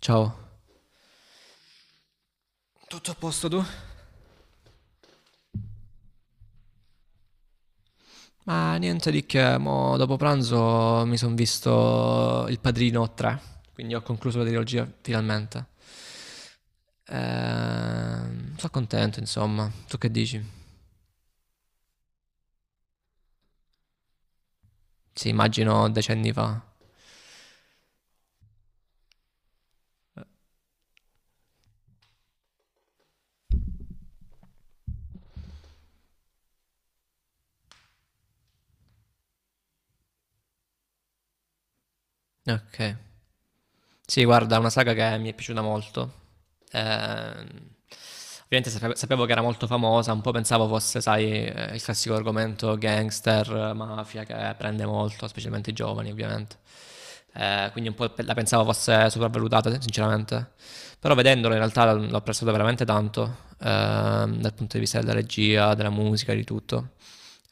Ciao. Tutto a posto tu? Ma niente di che, mo dopo pranzo mi sono visto Il Padrino 3, quindi ho concluso la trilogia finalmente. Sono contento, insomma. Tu che dici? Sì, immagino decenni fa. Ok. Sì, guarda, è una saga che mi è piaciuta molto. Ehm, Ovviamente sapevo che era molto famosa, un po' pensavo fosse, sai, il classico argomento gangster, mafia, che prende molto, specialmente i giovani, ovviamente. Quindi un po' la pensavo fosse sopravvalutata, sinceramente. Però vedendola in realtà l'ho apprezzato veramente tanto, dal punto di vista della regia, della musica, di tutto.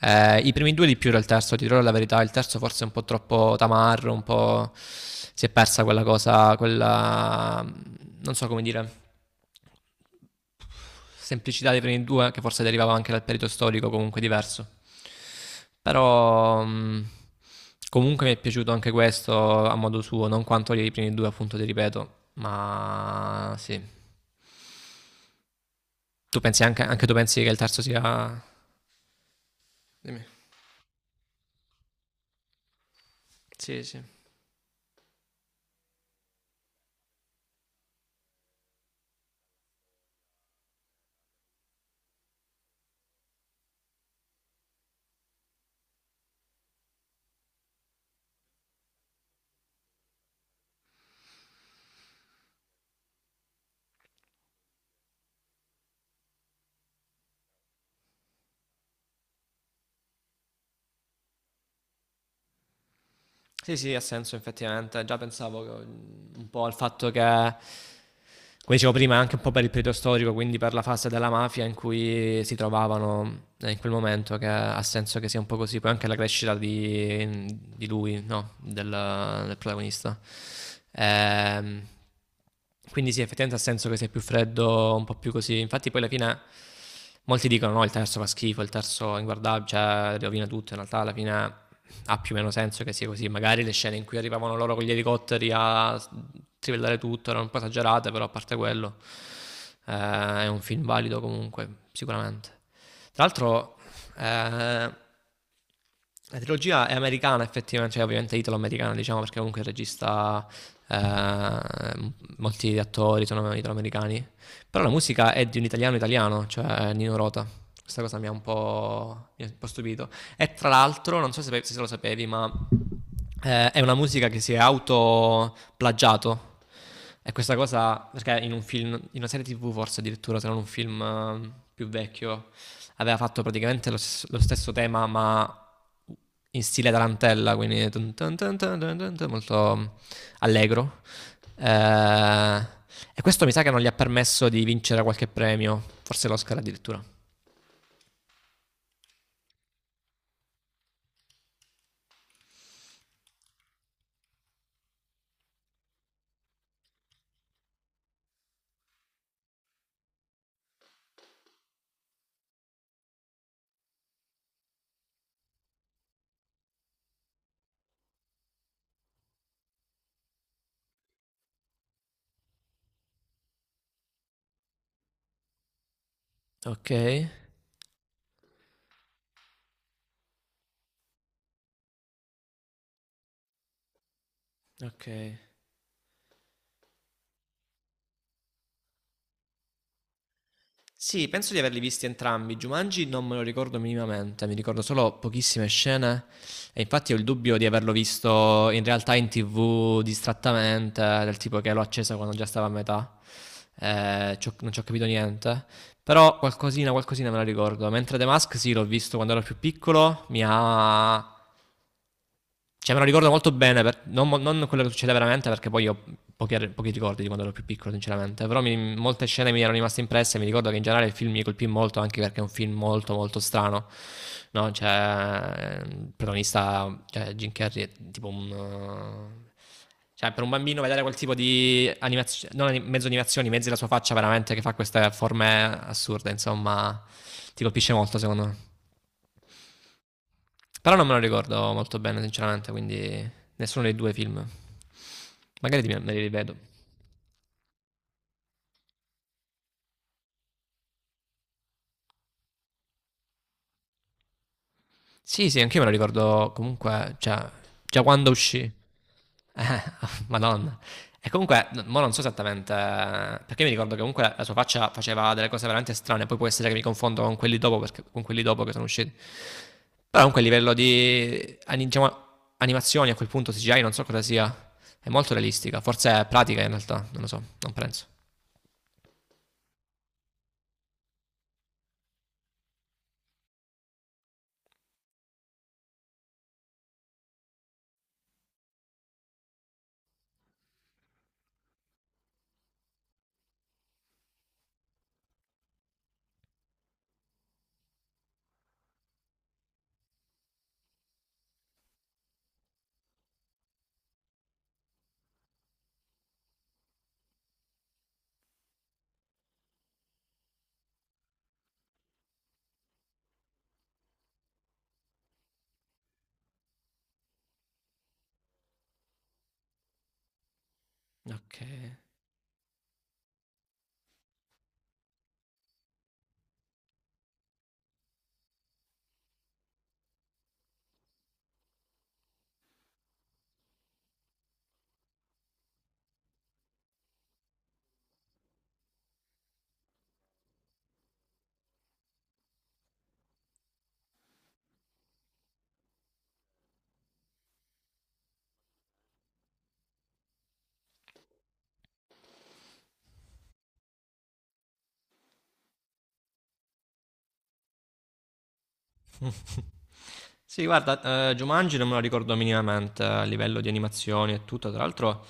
I primi due di più del terzo, ti dirò la verità, il terzo forse è un po' troppo tamarro, un po' si è persa quella cosa, quella non so come dire semplicità dei primi due, che forse derivava anche dal periodo storico comunque diverso. Però comunque mi è piaciuto anche questo a modo suo, non quanto i primi due, appunto, ti ripeto, ma sì. Tu pensi anche tu pensi che il terzo sia... Dimmi. Sì, sì. Sì, sì, ha senso effettivamente. Già pensavo un po' al fatto che, come dicevo prima, anche un po' per il periodo storico, quindi per la fase della mafia in cui si trovavano in quel momento, che ha senso che sia un po' così. Poi anche la crescita di lui, no? Del protagonista. Ehm, quindi sì, effettivamente ha senso che sia più freddo, un po' più così. Infatti poi alla fine molti dicono no, il terzo fa schifo, il terzo è inguardabile, cioè rovina tutto. In realtà alla fine ha più o meno senso che sia così. Magari le scene in cui arrivavano loro con gli elicotteri a trivellare tutto erano un po' esagerate, però a parte quello è un film valido comunque, sicuramente. Tra l'altro la trilogia è americana effettivamente, cioè ovviamente italo-americana diciamo perché comunque il regista... Eh, molti attori sono italo-americani però la musica è di un italiano italiano, cioè Nino Rota. Questa cosa mi ha un po' stupito. E tra l'altro, non so se lo sapevi, ma è una musica che si è autoplagiato. E questa cosa, perché in un film, in una serie TV forse addirittura, se non un film più vecchio, aveva fatto praticamente lo stesso tema, ma in stile tarantella, quindi tun tun tun tun tun tun tun, molto allegro. Eh, e questo mi sa che non gli ha permesso di vincere qualche premio, forse l'Oscar addirittura. Ok, ok. Sì, penso di averli visti entrambi. Jumanji non me lo ricordo minimamente, mi ricordo solo pochissime scene e infatti ho il dubbio di averlo visto in realtà in TV distrattamente, del tipo che l'ho accesa quando già stava a metà. Non ci ho capito niente, però qualcosina me la ricordo. Mentre The Mask sì, l'ho visto quando ero più piccolo, me lo ricordo molto bene, non quello che succede veramente, perché poi ho pochi ricordi di quando ero più piccolo, sinceramente. Però molte scene mi erano rimaste impresse. Mi ricordo che in generale il film mi colpì molto, anche perché è un film molto, molto strano. No, cioè, il protagonista, cioè, Jim Carrey è tipo un. Cioè, per un bambino vedere quel tipo di animazioni, non anim- mezzo animazioni, mezzo della sua faccia veramente che fa queste forme assurde, insomma, ti colpisce molto, secondo me. Però non me lo ricordo molto bene, sinceramente, quindi nessuno dei due film. Magari me li rivedo. Sì, sì, anch'io me lo ricordo comunque, cioè, già quando uscì. Eh, Madonna. E comunque, mo non so esattamente, perché mi ricordo che comunque la sua faccia faceva delle cose veramente strane, poi può essere che mi confondo con quelli con quelli dopo che sono usciti. Però comunque a livello di diciamo, animazioni a quel punto CGI non so cosa sia, è molto realistica, forse è pratica in realtà, non lo so, non penso. Okay. Sì, guarda, Jumanji non me lo ricordo minimamente a livello di animazioni e tutto. Tra l'altro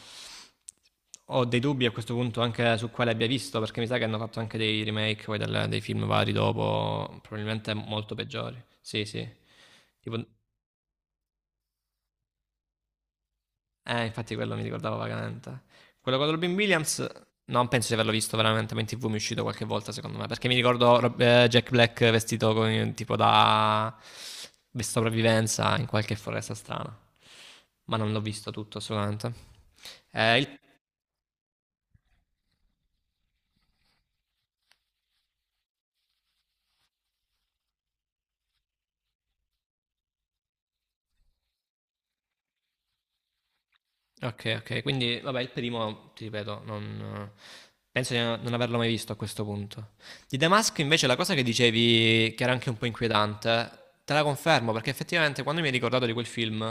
ho dei dubbi a questo punto anche su quale abbia visto, perché mi sa che hanno fatto anche dei remake poi del dei film vari dopo, probabilmente molto peggiori. Sì, sì. Tipo eh, infatti quello mi ricordava vagamente. Quello con Robin Williams, non penso di averlo visto veramente, ma in tv mi è uscito qualche volta secondo me, perché mi ricordo Jack Black vestito con, tipo da di sopravvivenza in qualche foresta strana, ma non l'ho visto tutto assolutamente. Il Ok, ok, quindi vabbè, il primo, ti ripeto, non, penso di no, non averlo mai visto a questo punto. Di Damask invece la cosa che dicevi, che era anche un po' inquietante, te la confermo perché effettivamente quando mi hai ricordato di quel film,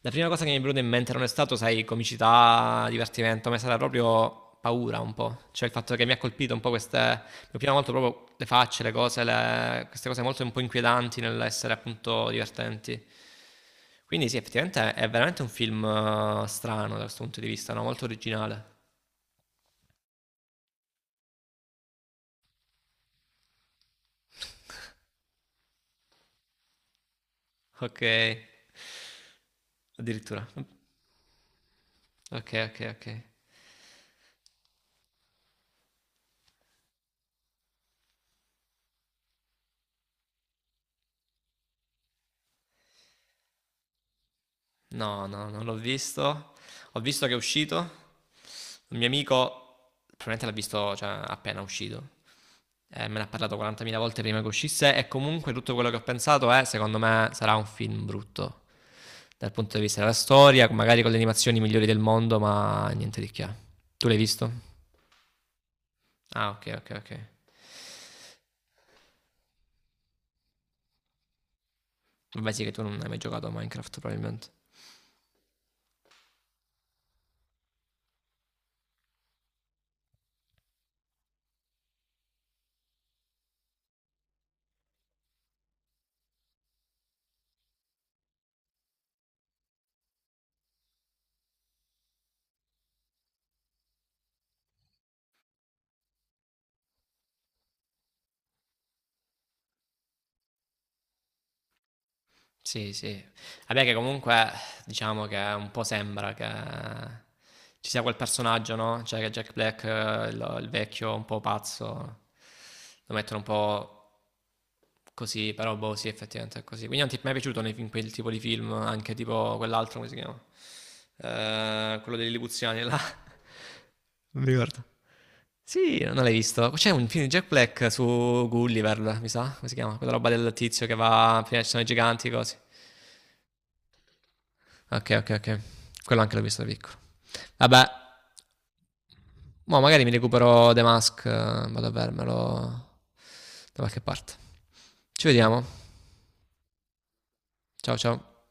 la prima cosa che mi è venuta in mente non è stato, sai, comicità, divertimento, ma è stata proprio paura un po', cioè il fatto che mi ha colpito un po' queste, mi prima molto proprio le facce, le queste cose molto un po' inquietanti nell'essere appunto divertenti. Quindi sì, effettivamente è veramente un film strano da questo punto di vista, no? Molto originale. Ok, addirittura. Ok, ok, ok. No, no, no, non l'ho visto. Ho visto che è uscito. Un mio amico probabilmente l'ha visto, cioè, appena uscito. Me ne ha parlato 40.000 volte prima che uscisse e comunque tutto quello che ho pensato è, secondo me, sarà un film brutto dal punto di vista della storia, magari con le animazioni migliori del mondo, ma niente di che. Tu l'hai visto? Ah, ok, ok, ok. Vabbè, sì, che tu non hai mai giocato a Minecraft, probabilmente. Sì, sì. Vabbè, che comunque diciamo che un po' sembra che ci sia quel personaggio, no? Cioè che Jack Black, il vecchio un po' pazzo, lo mettono un po' così, però boh, sì, effettivamente è così. Quindi non ti è mai piaciuto nei quel tipo di film, anche tipo quell'altro, come si chiama? Quello dei Lipuziani là. Non mi ricordo. Sì, non l'hai visto. C'è un film di Jack Black su Gulliver, mi sa, come si chiama? Quella roba del tizio che va, prima ci sono i giganti, così. Ok, ok, ok. Quello anche l'ho visto da piccolo. Vabbè, mo magari mi recupero The Mask, vado a vermelo da qualche parte. Ci vediamo. Ciao, ciao.